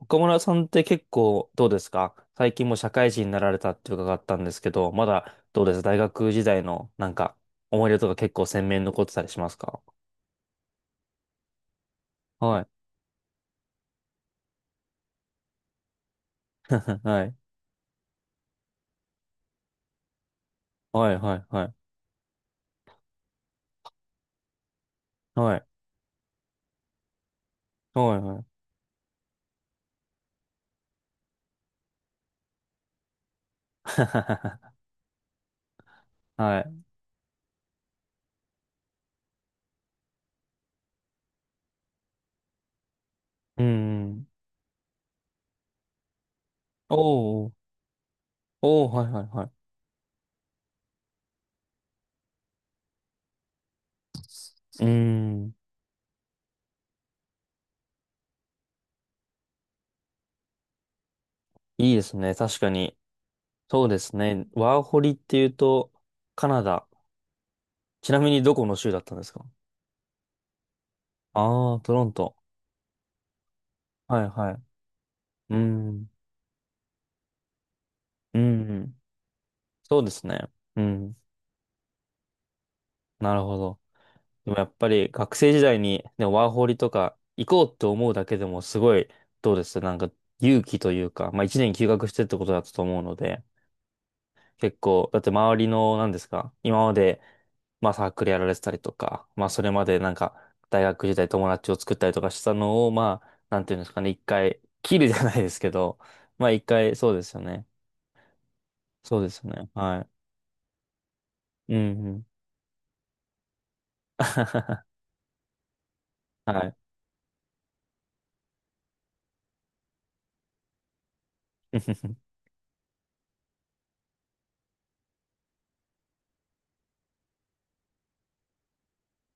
岡村さんって結構どうですか？最近もう社会人になられたって伺ったんですけど、まだどうです、大学時代のなんか思い出とか結構鮮明に残ってたりしますか？はい。はい。はい、はい、はい。はい。はい、はい。はい。うん。おー。おー、はい、はい、はい。うん。いいですね。確かに。そうですね。ワーホリっていうと、カナダ。ちなみにどこの州だったんですか？ああー、トロント。はい、はい。うん。うん。そうですね。うん。なるほど。でもやっぱり学生時代に、ね、ワーホリとか行こうって思うだけでもすごい、どうですなんか、勇気というか、まあ一年休学してってことだったと思うので、結構、だって周りの、何ですか今まで、まあサークルやられてたりとか、まあそれまでなんか大学時代友達を作ったりとかしたのを、まあ、なんていうんですかね、一回切るじゃないですけど、まあ一回、そうですよね。そうですよね。はい。うんうん。はい。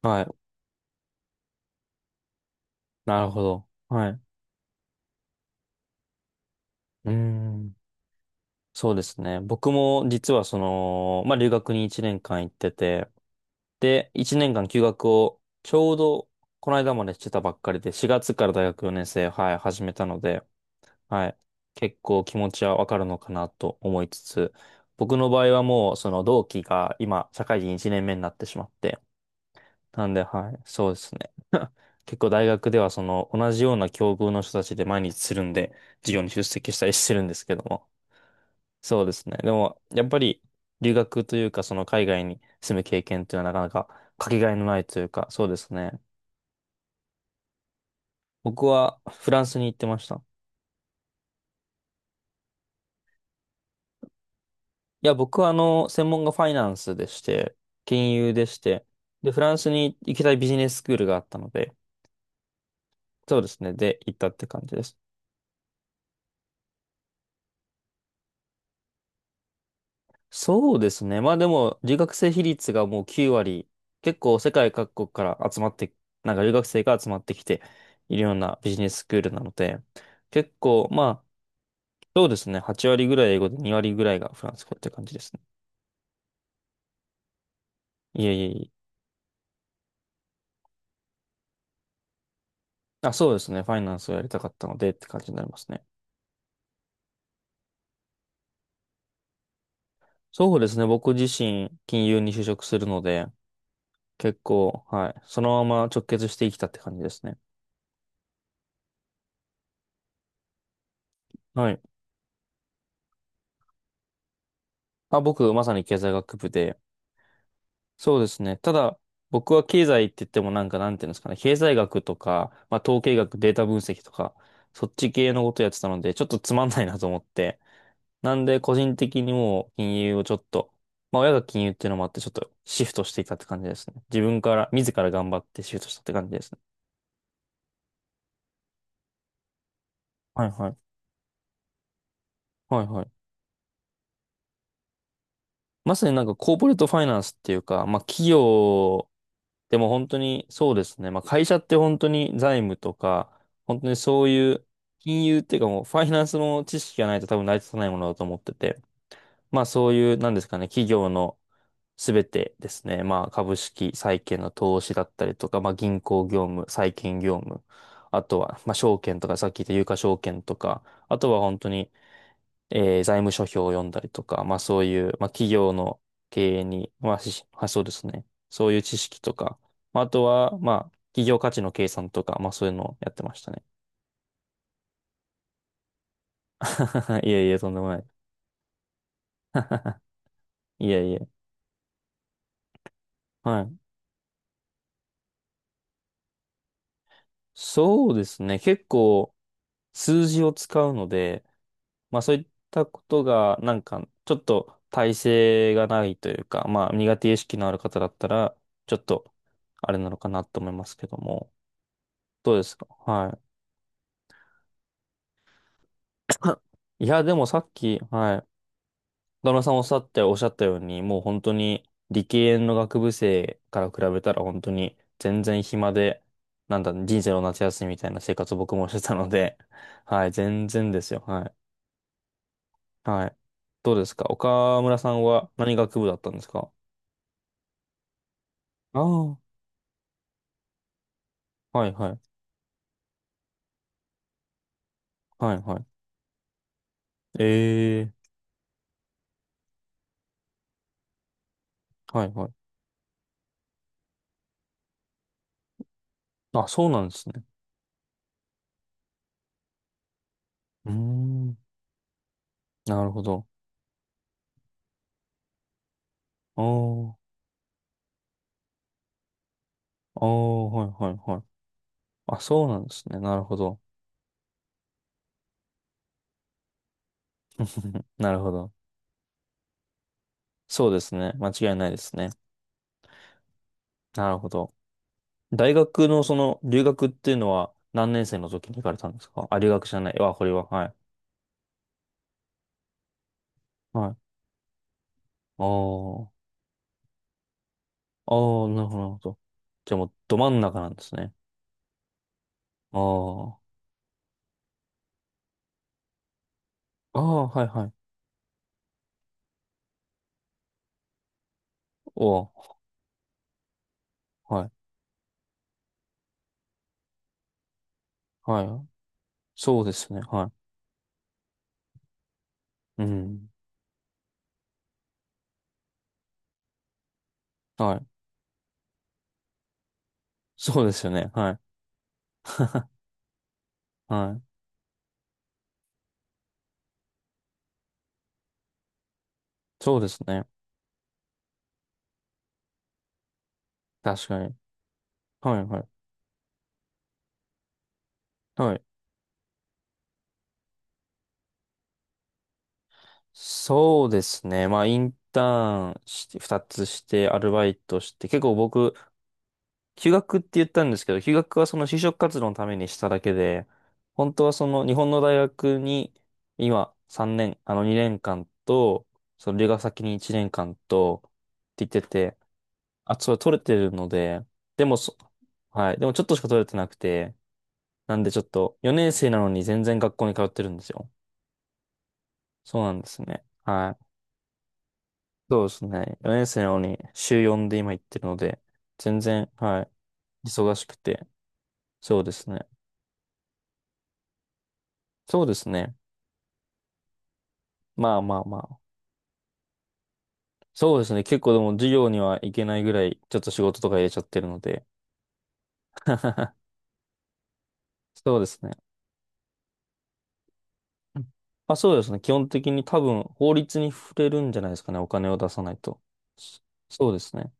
はい。なるほど。はい。うーん。そうですね。僕も実はその、まあ、留学に1年間行ってて、で、1年間休学をちょうどこの間までしてたばっかりで、4月から大学4年生、はい、始めたので、はい。結構気持ちはわかるのかなと思いつつ、僕の場合はもうその同期が今社会人1年目になってしまって、なんで、はい、そうですね。結構大学ではその同じような境遇の人たちで毎日するんで、授業に出席したりしてるんですけども、そうですね。でも、やっぱり留学というか、その海外に住む経験というのはなかなかかけがえのないというか、そうですね。僕はフランスに行ってました。いや、僕は専門がファイナンスでして、金融でして、で、フランスに行きたいビジネススクールがあったので、そうですね。で、行ったって感じです。そうですね。まあでも、留学生比率がもう9割、結構世界各国から集まって、なんか留学生が集まってきているようなビジネススクールなので、結構、まあ、そうですね。8割ぐらい英語で2割ぐらいがフランス語って感じですね。いえいえいえ。あ、そうですね。ファイナンスをやりたかったのでって感じになりますね。そうですね。僕自身、金融に就職するので、結構、はい。そのまま直結してきたって感じですね。はい。あ、僕、まさに経済学部で。そうですね。ただ、僕は経済って言ってもなんか、なんていうんですかね。経済学とか、まあ、統計学、データ分析とか、そっち系のことやってたので、ちょっとつまんないなと思って、なんで、個人的にもう金融をちょっと、まあ親が金融っていうのもあって、ちょっとシフトしていたって感じですね。自分から、自ら頑張ってシフトしたって感じですね。はいはい。はいはい。まさになんかコーポレートファイナンスっていうか、まあ企業、でも本当にそうですね。まあ会社って本当に財務とか、本当にそういう金融っていうかもうファイナンスの知識がないと多分成り立たないものだと思ってて、まあそういう、なんですかね、企業のすべてですね、まあ、株式、債券の投資だったりとか、まあ、銀行業務、債券業務、あとは、まあ、証券とか、さっき言った有価証券とか、あとは本当に、財務諸表を読んだりとか、まあ、そういう、まあ、企業の経営に、まあ、し、まあそうですね、そういう知識とか、まあ、あとは、まあ、企業価値の計算とか、まあ、そういうのをやってましたね。いえいえ、とんでもない。いえいえ。はい。そうですね。結構数字を使うので、まあそういったことが、なんか、ちょっと耐性がないというか、まあ苦手意識のある方だったら、ちょっと、あれなのかなと思いますけども。どうですか？はい。いや、でもさっき、はい。旦那さんおっしゃっておっしゃったように、もう本当に理系の学部生から比べたら本当に全然暇で、なんだ、人生の夏休みみたいな生活を僕もしてたので、はい、全然ですよ。はい。はい。どうですか、岡村さんは何学部だったんですか？ああー。はいはい。はいはい。ええ、はいはい。あ、そうなんですね。うーん。なるほど。あーあー、はいはいはい。あ、そうなんですね。なるほど。なるほど。そうですね。間違いないですね。なるほど。大学のその留学っていうのは何年生の時に行かれたんですか？あ、留学じゃない。わ、これは。はい。はい。あーあー、あ、なるほど、なるほど。じゃあもうど真ん中なんですね。ああ、ああ、はいはい。おー、はい。はい。そうですね。はい。うん。はい。そうですよね。はい。はい。そうですね。確かに。はい、はい。はい。そうですね。まあ、インターンして、二つして、アルバイトして、結構僕、休学って言ったんですけど、休学はその就職活動のためにしただけで、本当はその日本の大学に、今3年、あの2年間と、その留学先に1年間と、って言ってて、あ、それ取れてるので、でもそ、はい。でもちょっとしか取れてなくて、なんでちょっと、4年生なのに全然学校に通ってるんですよ。そうなんですね。はい。そうですね。4年生なのに週4で今行ってるので、全然、はい、忙しくて。そうですね。そうですね。まあまあまあ。そうですね。結構でも授業には行けないぐらい、ちょっと仕事とか入れちゃってるので。そうですね。まあそうですね。基本的に多分法律に触れるんじゃないですかね。お金を出さないと。そ、そうですね。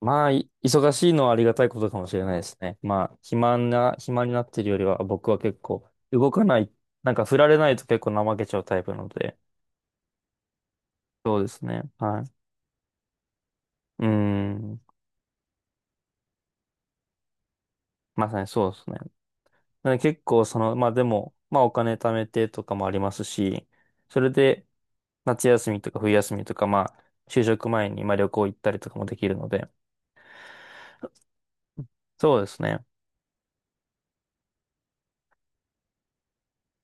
まあ、い、忙しいのはありがたいことかもしれないですね。まあ、暇な、暇になってるよりは、僕は結構動かない、なんか振られないと結構怠けちゃうタイプなので、そうですね。はい。うーん。まさにそうですね。なので結構その、まあでも、まあお金貯めてとかもありますし、それで夏休みとか冬休みとか、まあ、就職前にまあ旅行行ったりとかもできるので、そうですね。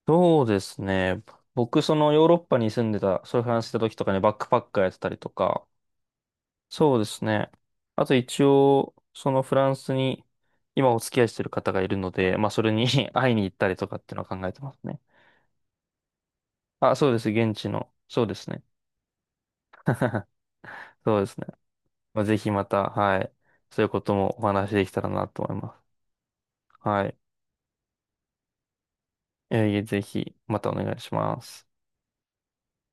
そうですね。僕、そのヨーロッパに住んでた、そういう話した時とかね、バックパッカーやってたりとか、そうですね。あと一応、そのフランスに今お付き合いしてる方がいるので、まあそれに 会いに行ったりとかっていうのは考えてますね。あ、そうです。現地の。そうですね。そうですね。まあ、ぜひまた、はい。そういうこともお話しできたらなと思います。はい。え、いえ、ぜひ、またお願いします。